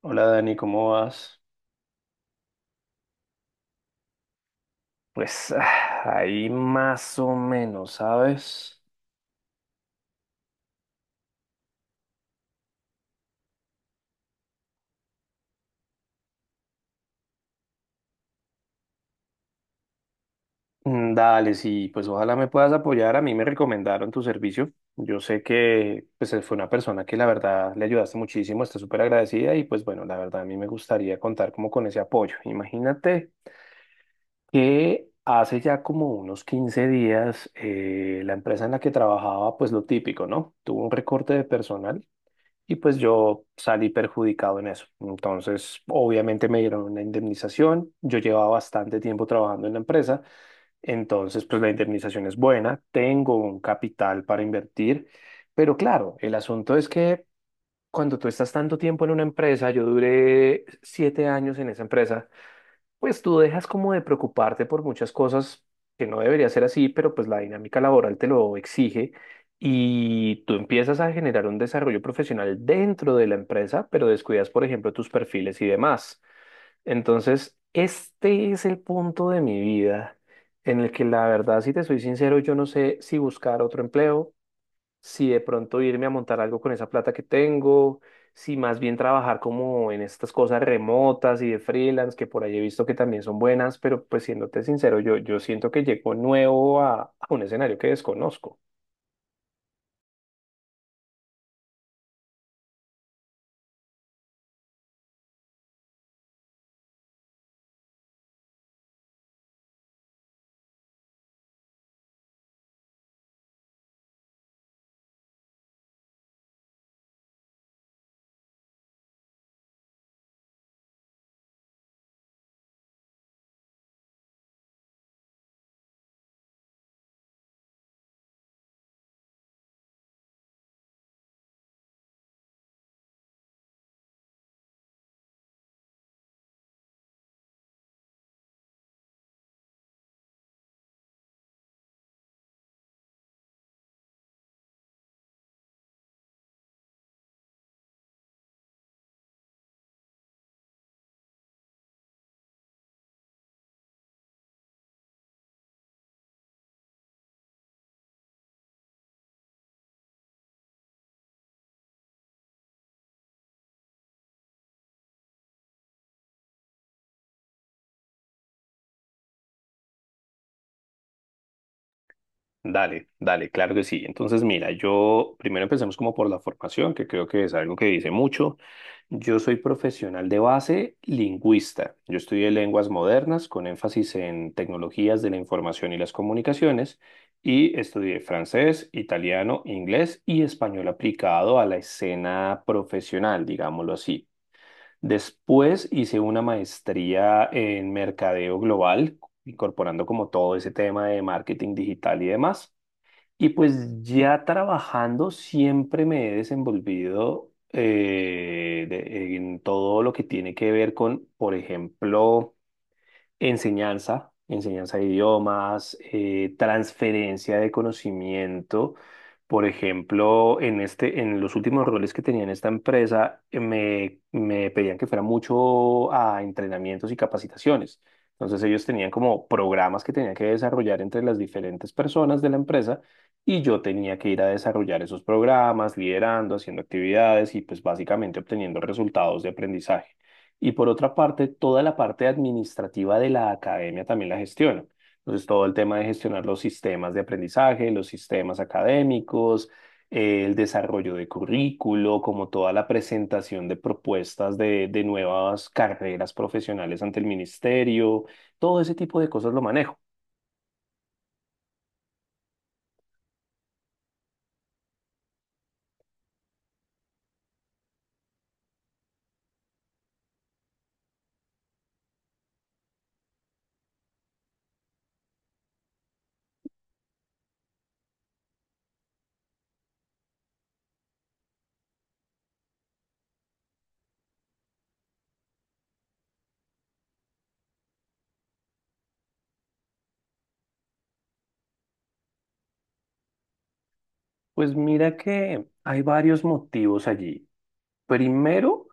Hola Dani, ¿cómo vas? Pues ahí más o menos, ¿sabes? Mm, dale, sí, pues ojalá me puedas apoyar. A mí me recomendaron tu servicio. Yo sé que pues fue una persona que la verdad le ayudaste muchísimo, está súper agradecida y pues bueno, la verdad a mí me gustaría contar como con ese apoyo. Imagínate que hace ya como unos 15 días la empresa en la que trabajaba pues lo típico, ¿no? Tuvo un recorte de personal, y pues yo salí perjudicado en eso. Entonces, obviamente me dieron una indemnización. Yo llevaba bastante tiempo trabajando en la empresa, entonces pues la indemnización es buena, tengo un capital para invertir, pero claro, el asunto es que cuando tú estás tanto tiempo en una empresa, yo duré 7 años en esa empresa. Pues tú dejas como de preocuparte por muchas cosas que no debería ser así, pero pues la dinámica laboral te lo exige y tú empiezas a generar un desarrollo profesional dentro de la empresa, pero descuidas, por ejemplo, tus perfiles y demás. Entonces, este es el punto de mi vida en el que la verdad, si te soy sincero, yo no sé si buscar otro empleo, si de pronto irme a montar algo con esa plata que tengo, si más bien trabajar como en estas cosas remotas y de freelance, que por ahí he visto que también son buenas, pero pues siéndote sincero, yo siento que llego nuevo a un escenario que desconozco. Dale, dale, claro que sí. Entonces, mira, yo primero empecemos como por la formación, que creo que es algo que dice mucho. Yo soy profesional de base lingüista. Yo estudié lenguas modernas con énfasis en tecnologías de la información y las comunicaciones y estudié francés, italiano, inglés y español aplicado a la escena profesional, digámoslo así. Después hice una maestría en mercadeo global, incorporando como todo ese tema de marketing digital y demás. Y pues ya trabajando siempre me he desenvolvido en todo lo que tiene que ver con, por ejemplo, enseñanza, enseñanza de idiomas, transferencia de conocimiento. Por ejemplo, en los últimos roles que tenía en esta empresa, me pedían que fuera mucho a entrenamientos y capacitaciones. Entonces ellos tenían como programas que tenían que desarrollar entre las diferentes personas de la empresa y yo tenía que ir a desarrollar esos programas, liderando, haciendo actividades y pues básicamente obteniendo resultados de aprendizaje. Y por otra parte, toda la parte administrativa de la academia también la gestiona. Entonces, todo el tema de gestionar los sistemas de aprendizaje, los sistemas académicos, el desarrollo de currículo, como toda la presentación de propuestas de nuevas carreras profesionales ante el ministerio, todo ese tipo de cosas lo manejo. Pues mira que hay varios motivos allí. Primero,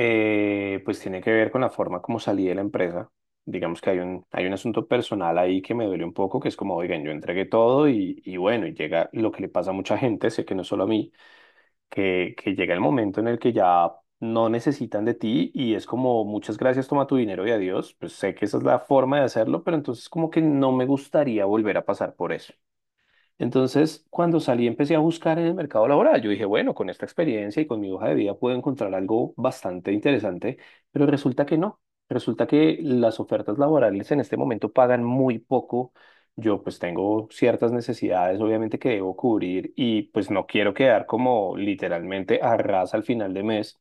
Pues tiene que ver con la forma como salí de la empresa. Digamos que hay hay un asunto personal ahí que me duele un poco, que es como, oigan, yo entregué todo y bueno, y llega lo que le pasa a mucha gente, sé que no solo a mí, que llega el momento en el que ya no necesitan de ti y es como, muchas gracias, toma tu dinero y adiós. Pues sé que esa es la forma de hacerlo, pero entonces como que no me gustaría volver a pasar por eso. Entonces, cuando salí, empecé a buscar en el mercado laboral. Yo dije, bueno, con esta experiencia y con mi hoja de vida puedo encontrar algo bastante interesante, pero resulta que no. Resulta que las ofertas laborales en este momento pagan muy poco. Yo pues tengo ciertas necesidades, obviamente, que debo cubrir y pues no quiero quedar como literalmente a ras al final de mes.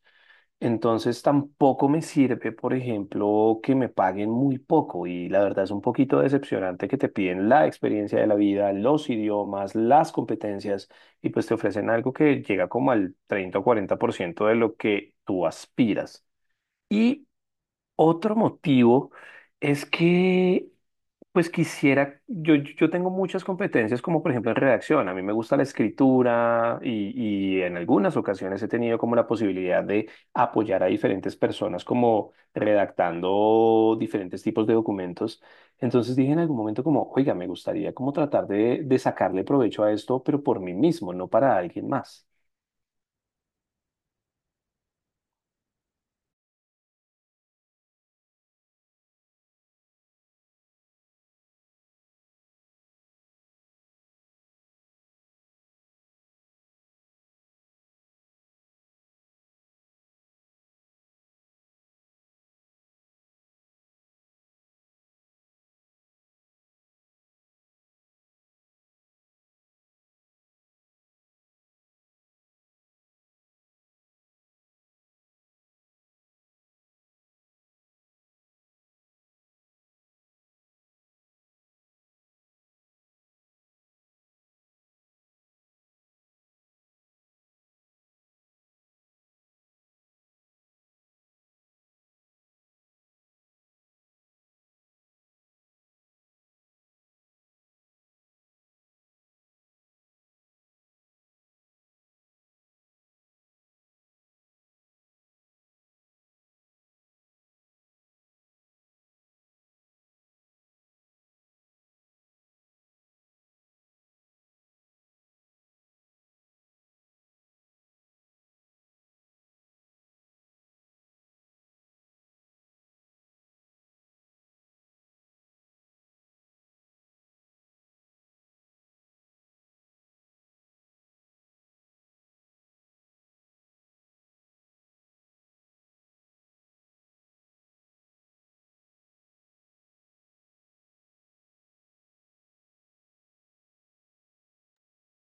Entonces tampoco me sirve, por ejemplo, que me paguen muy poco y la verdad es un poquito decepcionante que te piden la experiencia de la vida, los idiomas, las competencias y pues te ofrecen algo que llega como al 30 o 40% de lo que tú aspiras. Y otro motivo es que pues quisiera, yo tengo muchas competencias, como por ejemplo en redacción. A mí me gusta la escritura y en algunas ocasiones he tenido como la posibilidad de apoyar a diferentes personas como redactando diferentes tipos de documentos. Entonces dije en algún momento como, oiga, me gustaría como tratar de sacarle provecho a esto, pero por mí mismo, no para alguien más.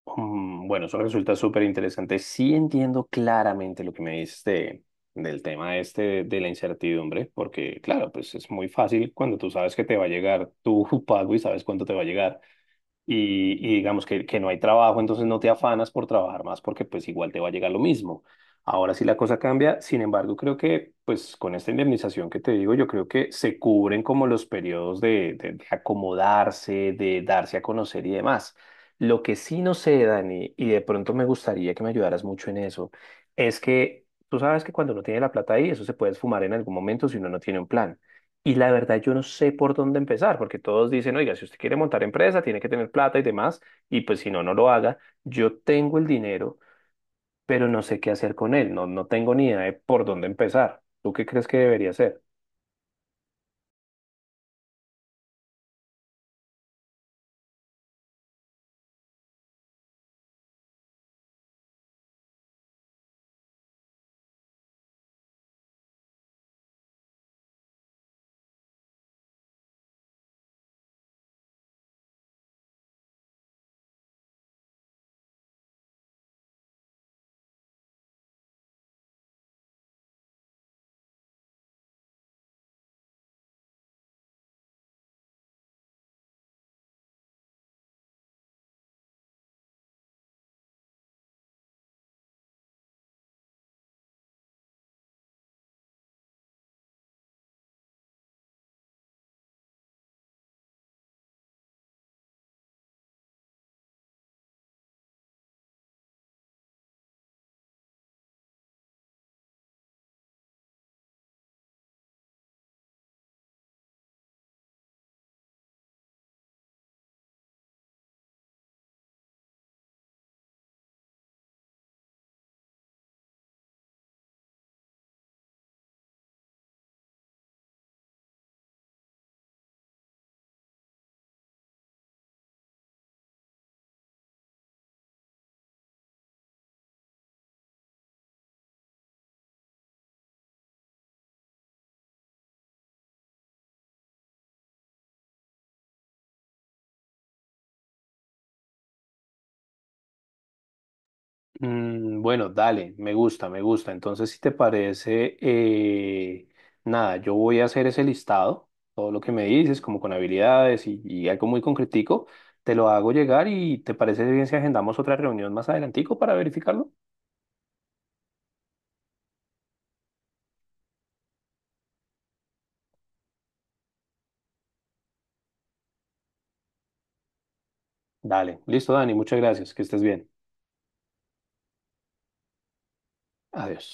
Mm, bueno, eso resulta súper interesante. Sí entiendo claramente lo que me dices del tema este de la incertidumbre, porque claro, pues es muy fácil cuando tú sabes que te va a llegar tu pago y sabes cuánto te va a llegar y digamos que no hay trabajo, entonces no te afanas por trabajar más porque pues igual te va a llegar lo mismo. Ahora sí la cosa cambia, sin embargo, creo que pues con esta indemnización que te digo, yo creo que se cubren como los periodos de acomodarse, de darse a conocer y demás. Lo que sí no sé, Dani, y de pronto me gustaría que me ayudaras mucho en eso, es que tú sabes que cuando uno tiene la plata ahí, eso se puede esfumar en algún momento si uno no tiene un plan. Y la verdad, yo no sé por dónde empezar, porque todos dicen, oiga, si usted quiere montar empresa, tiene que tener plata y demás, y pues si no, no lo haga. Yo tengo el dinero, pero no sé qué hacer con él, no, no tengo ni idea de por dónde empezar. ¿Tú qué crees que debería hacer? Mm, bueno, dale, me gusta, me gusta. Entonces, si te parece, nada, yo voy a hacer ese listado, todo lo que me dices, como con habilidades y algo muy concretico, te lo hago llegar y ¿te parece bien si agendamos otra reunión más adelantico para verificarlo? Dale, listo, Dani, muchas gracias, que estés bien. Adiós.